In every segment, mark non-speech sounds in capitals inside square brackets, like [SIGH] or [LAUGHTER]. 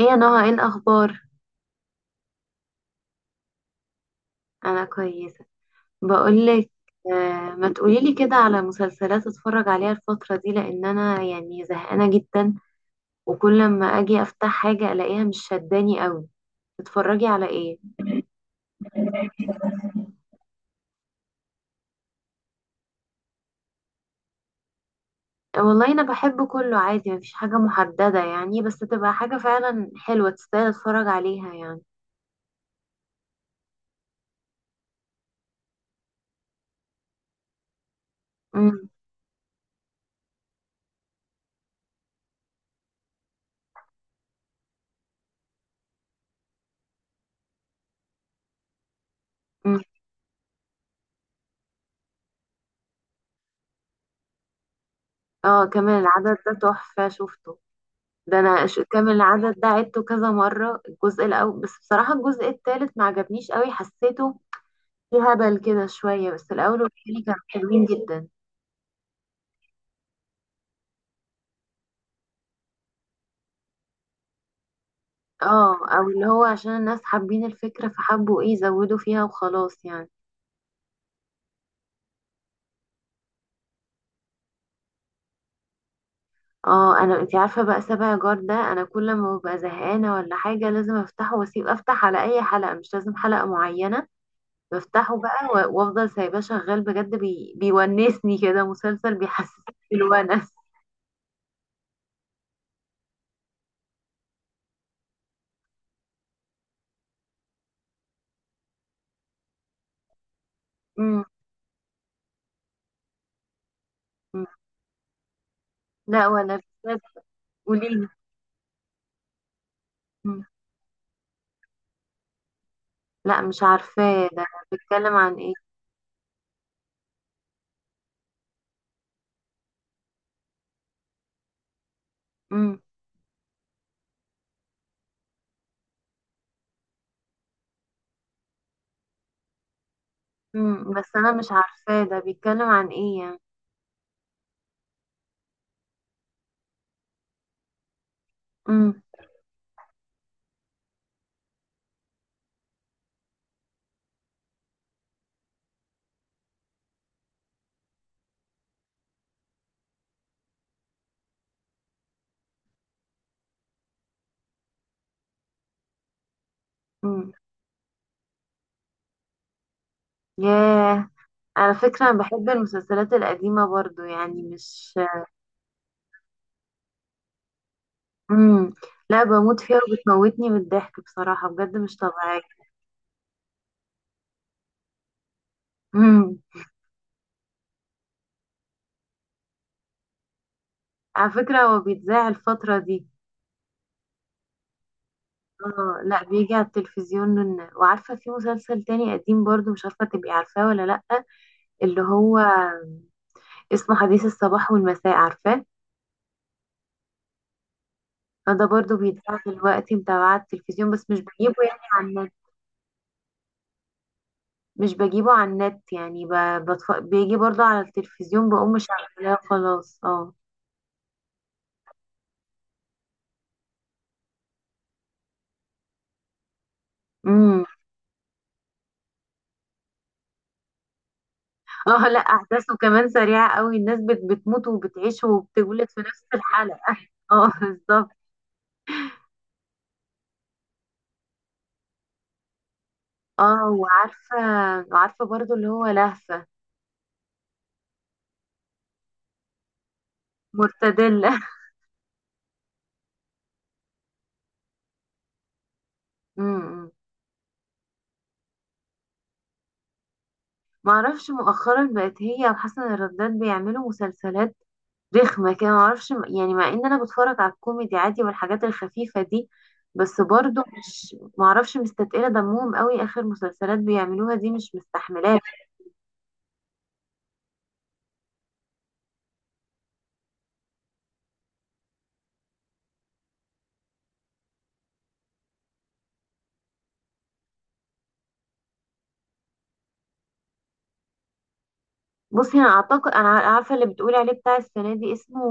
ايه يا نهى؟ ايه الاخبار؟ انا كويسه. بقولك، آه ما تقوليلي كده على مسلسلات اتفرج عليها الفتره دي لان انا يعني زهقانه جدا، وكل ما اجي افتح حاجه الاقيها مش شداني قوي. تتفرجي على ايه؟ آه، والله انا بحب كله عادي، مفيش حاجه محدده يعني، بس تبقى حاجه فعلا حلوه تستاهل اتفرج عليها يعني. امم. أمم. اه كامل العدد ده تحفه، شفته؟ ده انا كامل العدد ده عدته كذا مره الجزء الاول، بس بصراحه الجزء التالت ما عجبنيش قوي، حسيته في هبل كده شوية، بس الأول والتاني كانوا حلوين جدا. اه، أو اللي هو عشان الناس حابين الفكرة فحبوا ايه يزودوا فيها وخلاص يعني. اه، انا انتي عارفة بقى سابع جار ده انا كل ما ببقى زهقانة ولا حاجة لازم افتحه، واسيب افتح على اي حلقة مش لازم حلقة معينة، بفتحه بقى وافضل سايباه شغال بجد، بيونسني كده، مسلسل بيحسسني بالونس. مم. مم. لا ولا بجد. قوليلي. مم. لا مش عارفاه ده، بيتكلم عن ايه؟ مم. امم، بس انا مش عارفاه ده، بيتكلم عن ايه يعني؟ امم. امم. ياه. على فكرة انا بحب المسلسلات القديمة برضو، يعني مش... امم. لا بموت فيها وبتموتني من الضحك بصراحة، بجد مش طبيعية. امم. على فكرة هو بيتذاع الفترة دي؟ اه لا، بيجي على التلفزيون. وعارفة في مسلسل تاني قديم برضو، مش عارفة تبقي عارفاه ولا لأ، اللي هو اسمه حديث الصباح والمساء، عارفاه؟ فده برضو بيتذاع دلوقتي، متابعة التلفزيون بس مش بجيبه يعني عن... مش بجيبه على النت يعني، بيجي برضو على التلفزيون بقوم شغلاه، خلاص. اه. امم. اه لا، احداثه كمان سريعه قوي، الناس بتموت وبتعيش وبتولد في نفس الحلقه [LAUGHS] اه بالظبط. اه، وعارفه برضو اللي هو لهفه مرتدله [LAUGHS] امم. ما اعرفش مؤخرا بقت هي وحسن الرداد بيعملوا مسلسلات رخمة كده، معرفش يعني، مع ان انا بتفرج على الكوميدي عادي والحاجات الخفيفة دي، بس برضو مش معرفش، مستتقلة دمهم قوي اخر مسلسلات بيعملوها دي، مش مستحملاه. بصي انا اعتقد انا عارفة اللي بتقولي عليه بتاع السنة دي اسمه...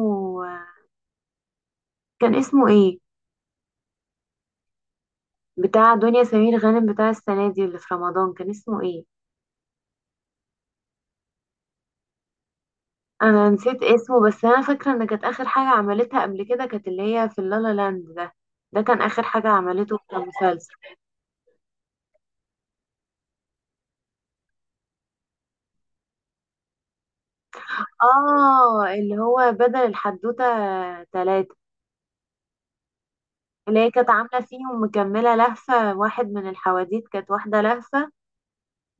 كان اسمه ايه؟ بتاع دنيا سمير غانم بتاع السنة دي اللي في رمضان كان اسمه ايه؟ انا نسيت اسمه، بس انا فاكرة ان كانت اخر حاجة عملتها قبل كده كانت اللي هي في اللالا لاند ده، ده كان اخر حاجة عملته كمسلسل. اه اللي هو بدل الحدوتة تلاتة. اللي هي كانت عاملة فيهم مكملة لهفة، واحد من الحواديت كانت واحدة لهفة،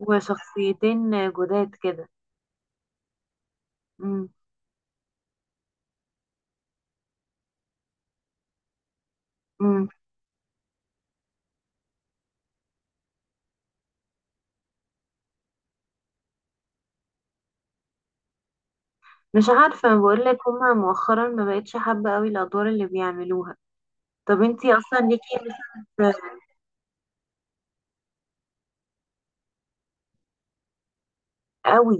وشخصيتين جداد كده. مم. مم. مش عارفة بقولك هما مؤخرا ما بقتش حابة قوي الأدوار اللي بيعملوها. طب انتي أصلا ليكي مثلا في- قوي.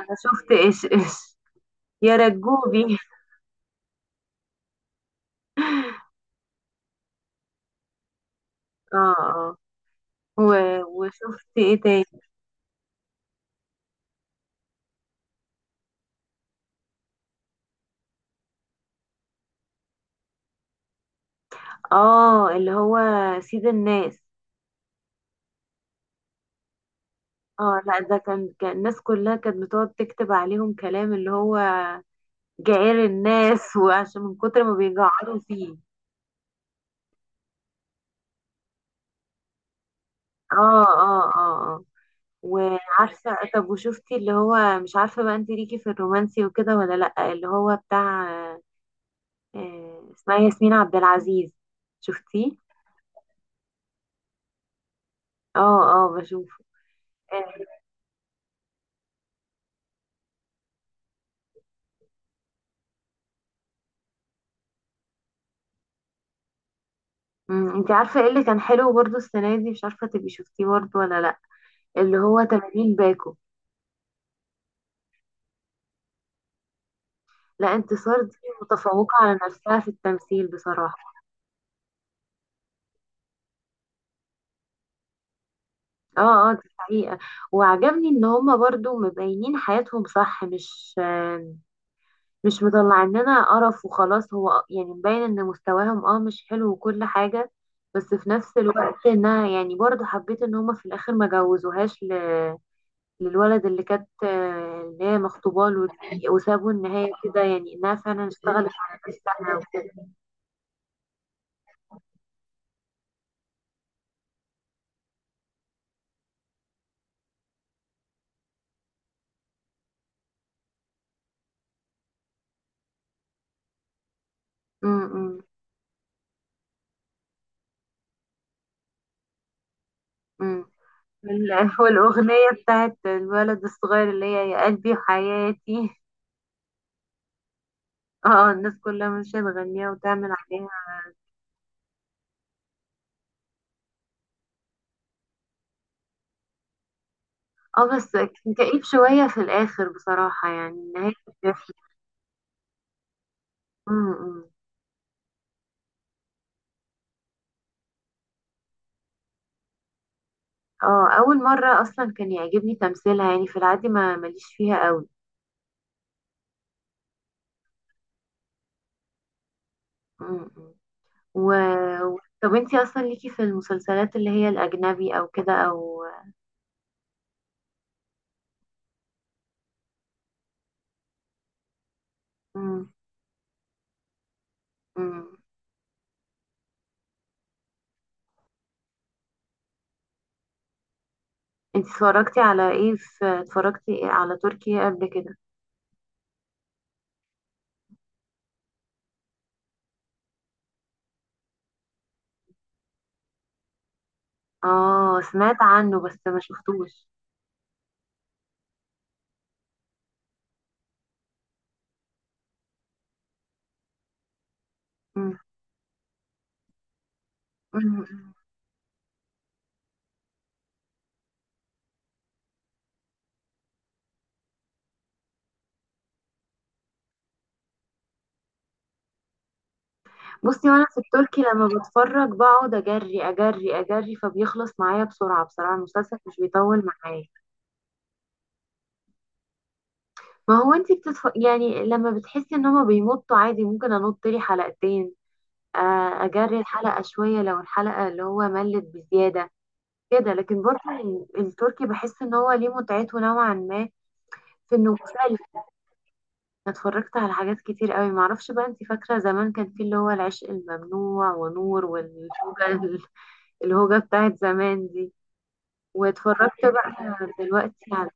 أنا شفت إيش إيش، يا رجوبي [LAUGHS] اه اه. و... وشفت ايه تاني؟ اه اللي هو سيد الناس. اه لا ده كان الناس كلها كانت بتقعد تكتب عليهم كلام اللي هو جعير الناس [LAUGHS] وعشان من كتر ما بيجعروا فيه. اه اه اه اه. وعارفة، طب وشفتي اللي هو مش عارفة بقى انت ليكي في الرومانسي وكده ولا لأ، اللي هو بتاع آه، اسمها ياسمين عبد العزيز، شفتيه؟ اه اه بشوفه. آه. أمم، انت عارفة ايه اللي كان حلو برضو السنة دي مش عارفة تبقي شفتيه برضو ولا لأ؟ اللي هو 80 باكو. لا انتصار دي متفوقة على نفسها في التمثيل بصراحة. اه اه دي حقيقة. وعجبني ان هما برضو مبينين حياتهم صح، مش مطلعين لنا قرف وخلاص، هو يعني مبين ان مستواهم اه مش حلو وكل حاجة، بس في نفس الوقت انها يعني برضو حبيت ان هما في الاخر ما جوزوهاش ل... للولد اللي كانت اللي هي مخطوبة له دي، وسابوا النهاية كده يعني انها فعلا اشتغلت على نفسها. م- م- م. [LAUGHS] والأغنية بتاعت الولد الصغير اللي هي يا قلبي وحياتي. اه الناس كلها ماشية تغنيها وتعمل عليها. اه بس كان كئيب شوية في الآخر بصراحة، يعني النهاية كانت وحشة. أمم. أمم. اه أول مرة أصلا كان يعجبني تمثيلها يعني، في العادي ما ماليش فيها قوي. أمم. أمم. و... طب انتي أصلا ليكي في المسلسلات اللي هي الأجنبي أو كده أو... أمم. أمم. انتي اتفرجتي على ايه في... اتفرجتي على تركي قبل كده؟ اه سمعت عنه بس ما شفتوش. مم. مم. بصي وانا في التركي لما بتفرج بقعد اجري اجري اجري فبيخلص معايا بسرعة، بصراحة المسلسل مش بيطول معايا. ما هو انتي يعني لما بتحسي ان هما بيمطوا عادي ممكن انط لي حلقتين، آه، اجري الحلقة شوية لو الحلقة اللي هو ملت بزيادة، كده لكن برضه التركي بحس ان هو ليه متعته نوعا ما في انه مسلي. اتفرجت على حاجات كتير قوي، معرفش بقى انت فاكرة زمان كان في اللي هو العشق الممنوع ونور والهوجة، الهوجة [LAUGHS] بتاعت زمان دي، واتفرجت بقى دلوقتي على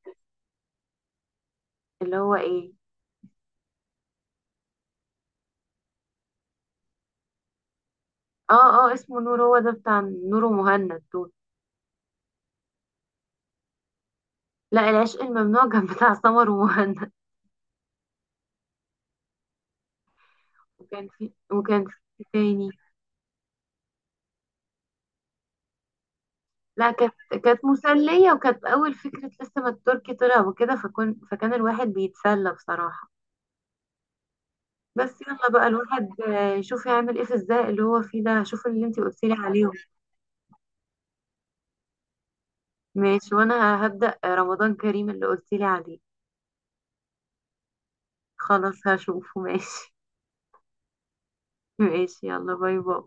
اللي هو ايه... اه اه اسمه نور، هو ده بتاع نور ومهند دول. لا العشق الممنوع كان بتاع [LAUGHS] سمر ومهند. وكان في إيه تاني؟ لا كانت، كانت مسلية وكانت أول فكرة لسه ما التركي طلع وكده، فكان الواحد بيتسلى بصراحة، بس يلا بقى الواحد آه، يشوف يعمل ايه في الزهق اللي هو فيه ده، شوف اللي انتي قلتيلي عليهم. ماشي، وانا هبدأ رمضان كريم اللي قلتيلي عليه، خلاص هشوفه. ماشي. [LAUGHS] ماشي يلا، باي باي.